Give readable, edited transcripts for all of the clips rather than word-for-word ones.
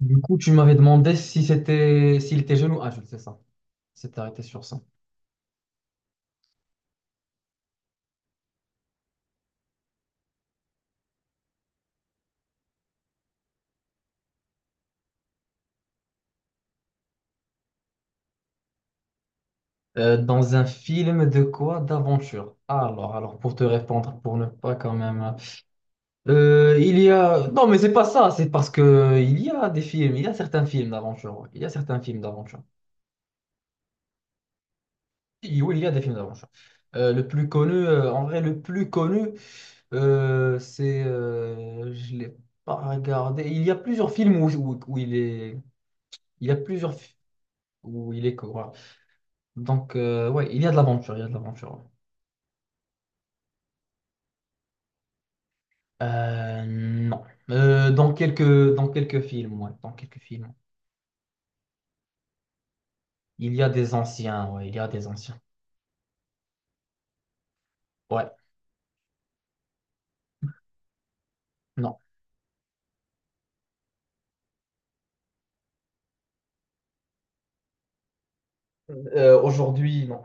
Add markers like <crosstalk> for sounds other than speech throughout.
Du coup, tu m'avais demandé si c'était s'il était jeune ou adulte, c'est ça. C'est arrêté sur ça. Dans un film de quoi? D'aventure. Alors, pour te répondre, pour ne pas quand même. Il y a. Non, mais c'est pas ça. C'est parce que il y a des films. Il y a certains films d'aventure, ouais. Il y a certains films d'aventure. Oui, oui, il y a des films d'aventure. Le plus connu, en vrai, le plus connu, c'est, je l'ai pas regardé. Il y a plusieurs films où il est. Il y a plusieurs fi- Où il est. Donc, ouais, il y a de l'aventure, il y a de l'aventure, ouais. Non. Euh, dans quelques, Dans quelques films, ouais, dans quelques films. Il y a des anciens, ouais, il y a des anciens. Ouais. Non. Aujourd'hui, non.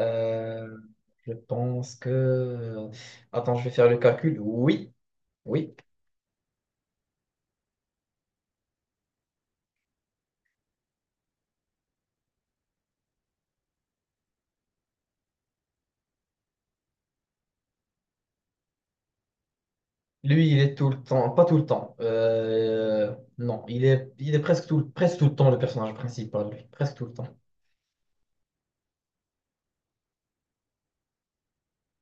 Euh, je pense que... Attends, je vais faire le calcul. Oui, oui. Lui, il est tout le temps, pas tout le temps. Non, il est presque presque tout le temps le personnage principal, lui. Presque tout le temps.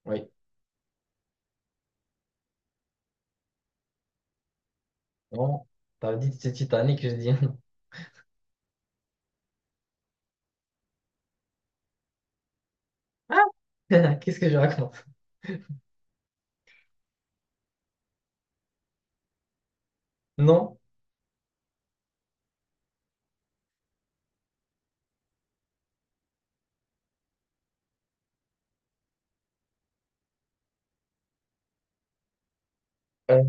Oui. Non, t'as dit c'est Titanic, je dis. <laughs> Ah. <laughs> Qu'est-ce que je raconte? Non. Euh,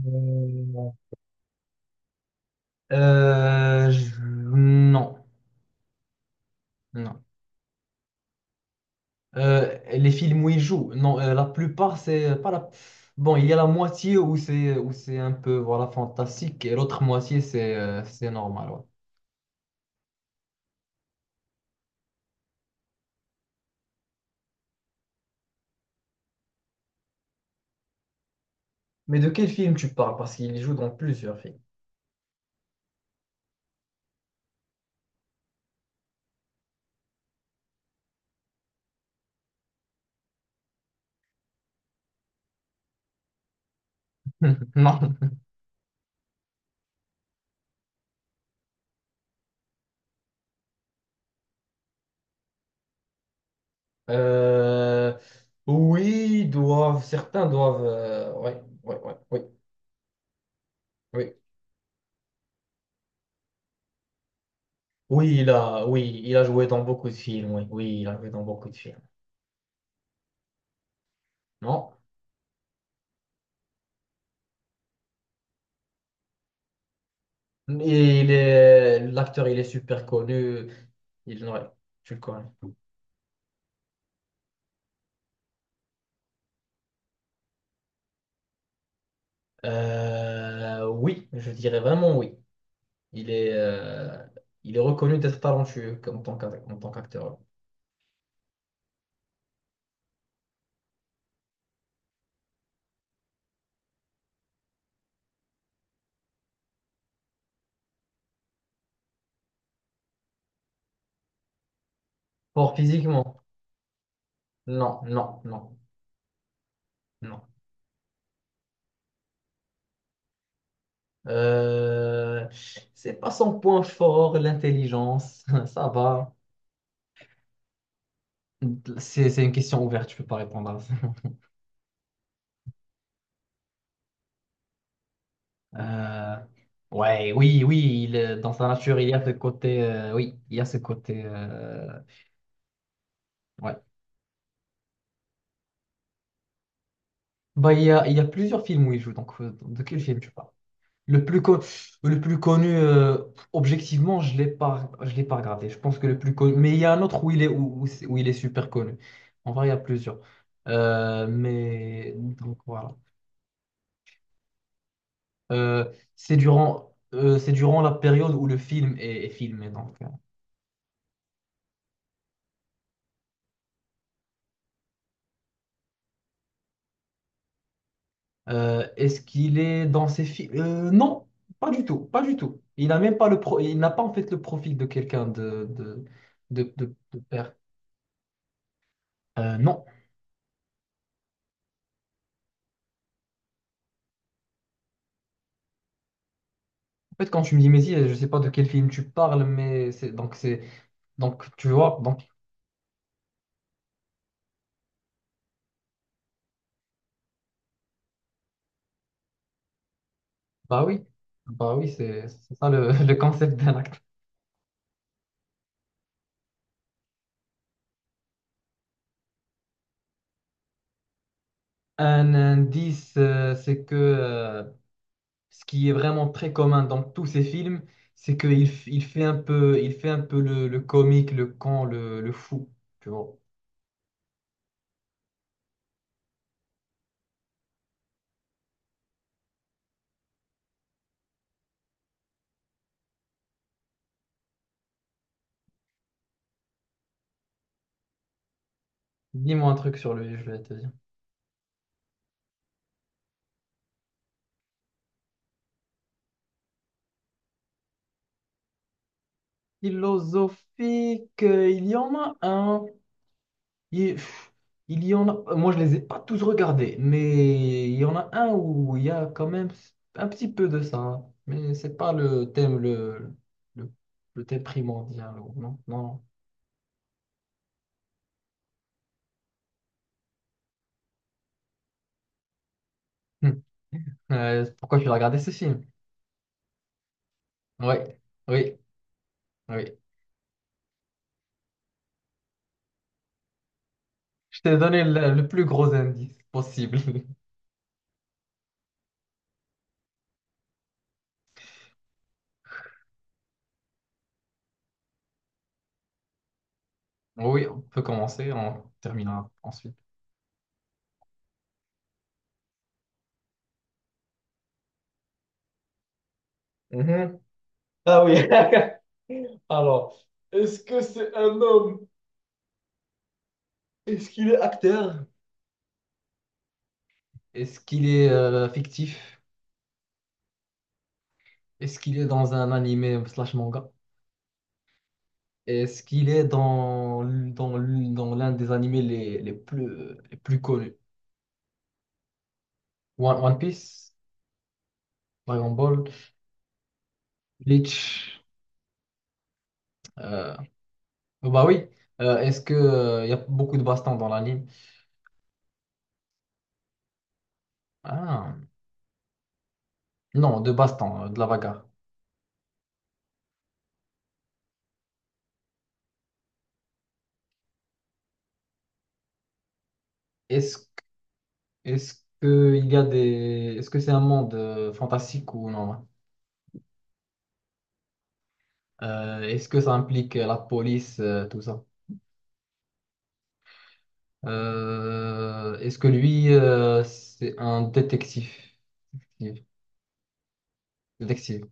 non. Non. Les films où il joue, non, la plupart, c'est pas la... Bon, il y a la moitié où c'est un peu voilà, fantastique, et l'autre moitié, c'est normal, ouais. Mais de quel film tu parles? Parce qu'il joue dans plusieurs films. <laughs> Non. Euh, oui, ils doivent, certains doivent, ouais, ouais, ouais, oui, oui. Oui, il a joué dans beaucoup de films. Oui, oui, il a joué dans beaucoup de films. Non. Et il est, l'acteur, il est super connu. Ouais, tu le connais. Oui, je dirais vraiment oui. Il est, euh, il est reconnu d'être talentueux en tant en tant qu'acteur. Fort physiquement? Non, non, non, non. Euh, c'est pas son point fort, l'intelligence. <laughs> Ça va. C'est une question ouverte, je peux pas répondre. Euh, ouais, oui, dans sa nature, il y a ce côté, oui, il y a ce côté, ouais. Bah, il y a plusieurs films où il joue. Donc, de quel film tu parles? Le plus, con- le plus connu, objectivement, je l'ai pas regardé. Je pense que le plus connu. Mais il y a un autre où il est, où où il est super connu. En vrai, il y a plusieurs. Mais donc voilà. Euh, c'est durant la période où le film est filmé. Donc. Est-ce qu'il est dans ses films? Non, pas du tout, pas du tout. Il n'a pas en fait le profil de quelqu'un de père. Non. En fait, quand tu me dis Messi, je sais pas de quel film tu parles, mais c'est tu vois. Donc bah oui, bah oui, c'est ça le, <laughs> le concept d'un acte. Un indice, c'est que ce qui est vraiment très commun dans tous ces films, c'est il fait un peu, le comique, le con, le fou, tu vois. Dis-moi un truc sur lui, je vais te dire. Philosophique, il y en a un. Il, pff, il y en a, moi, je les ai pas tous regardés, mais il y en a un où il y a quand même un petit peu de ça, hein. Mais c'est pas le thème le, le thème primordial, non, non, non. Hum. Pourquoi tu as regardé ce film? Oui, oui, oui. Je t'ai donné le plus gros indice possible. <laughs> Oui, on peut commencer, on terminera ensuite. Mhm. Ah oui. <laughs> Alors, est-ce que c'est un homme? Est-ce qu'il est acteur? Est-ce qu'il est fictif? Est-ce qu'il est dans un animé slash manga? Est-ce qu'il est dans l'un des animés les plus connus? One Piece, Dragon Ball, Bleach. euh, Bah oui. Il y a beaucoup de Baston dans l'anime? Ah, non, de Baston, de la bagarre. Est-ce Est-ce que il y a des... Est-ce que c'est un monde fantastique ou non? Est-ce que ça implique la police, tout ça? Est-ce que lui, c'est un détective? Détective.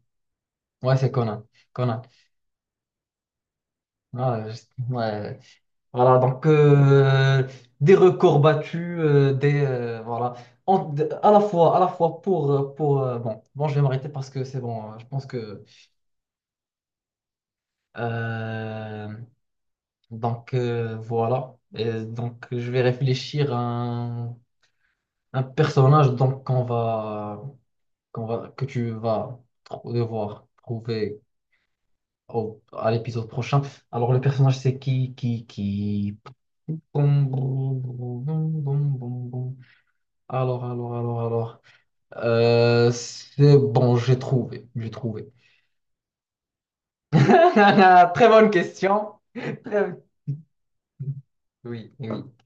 Ouais, c'est Conan. Conan. Ah, je- ouais. Voilà, donc des records battus, des voilà. À la fois, à la fois pour bon, bon, je vais m'arrêter parce que c'est bon. Je pense que euh, donc voilà. Et donc je vais réfléchir à un personnage donc que tu vas devoir trouver à l'épisode prochain. Alors le personnage c'est qui. Alors. C'est bon, j'ai trouvé. J'ai trouvé. <laughs> Très bonne question. Très- Oui, oui.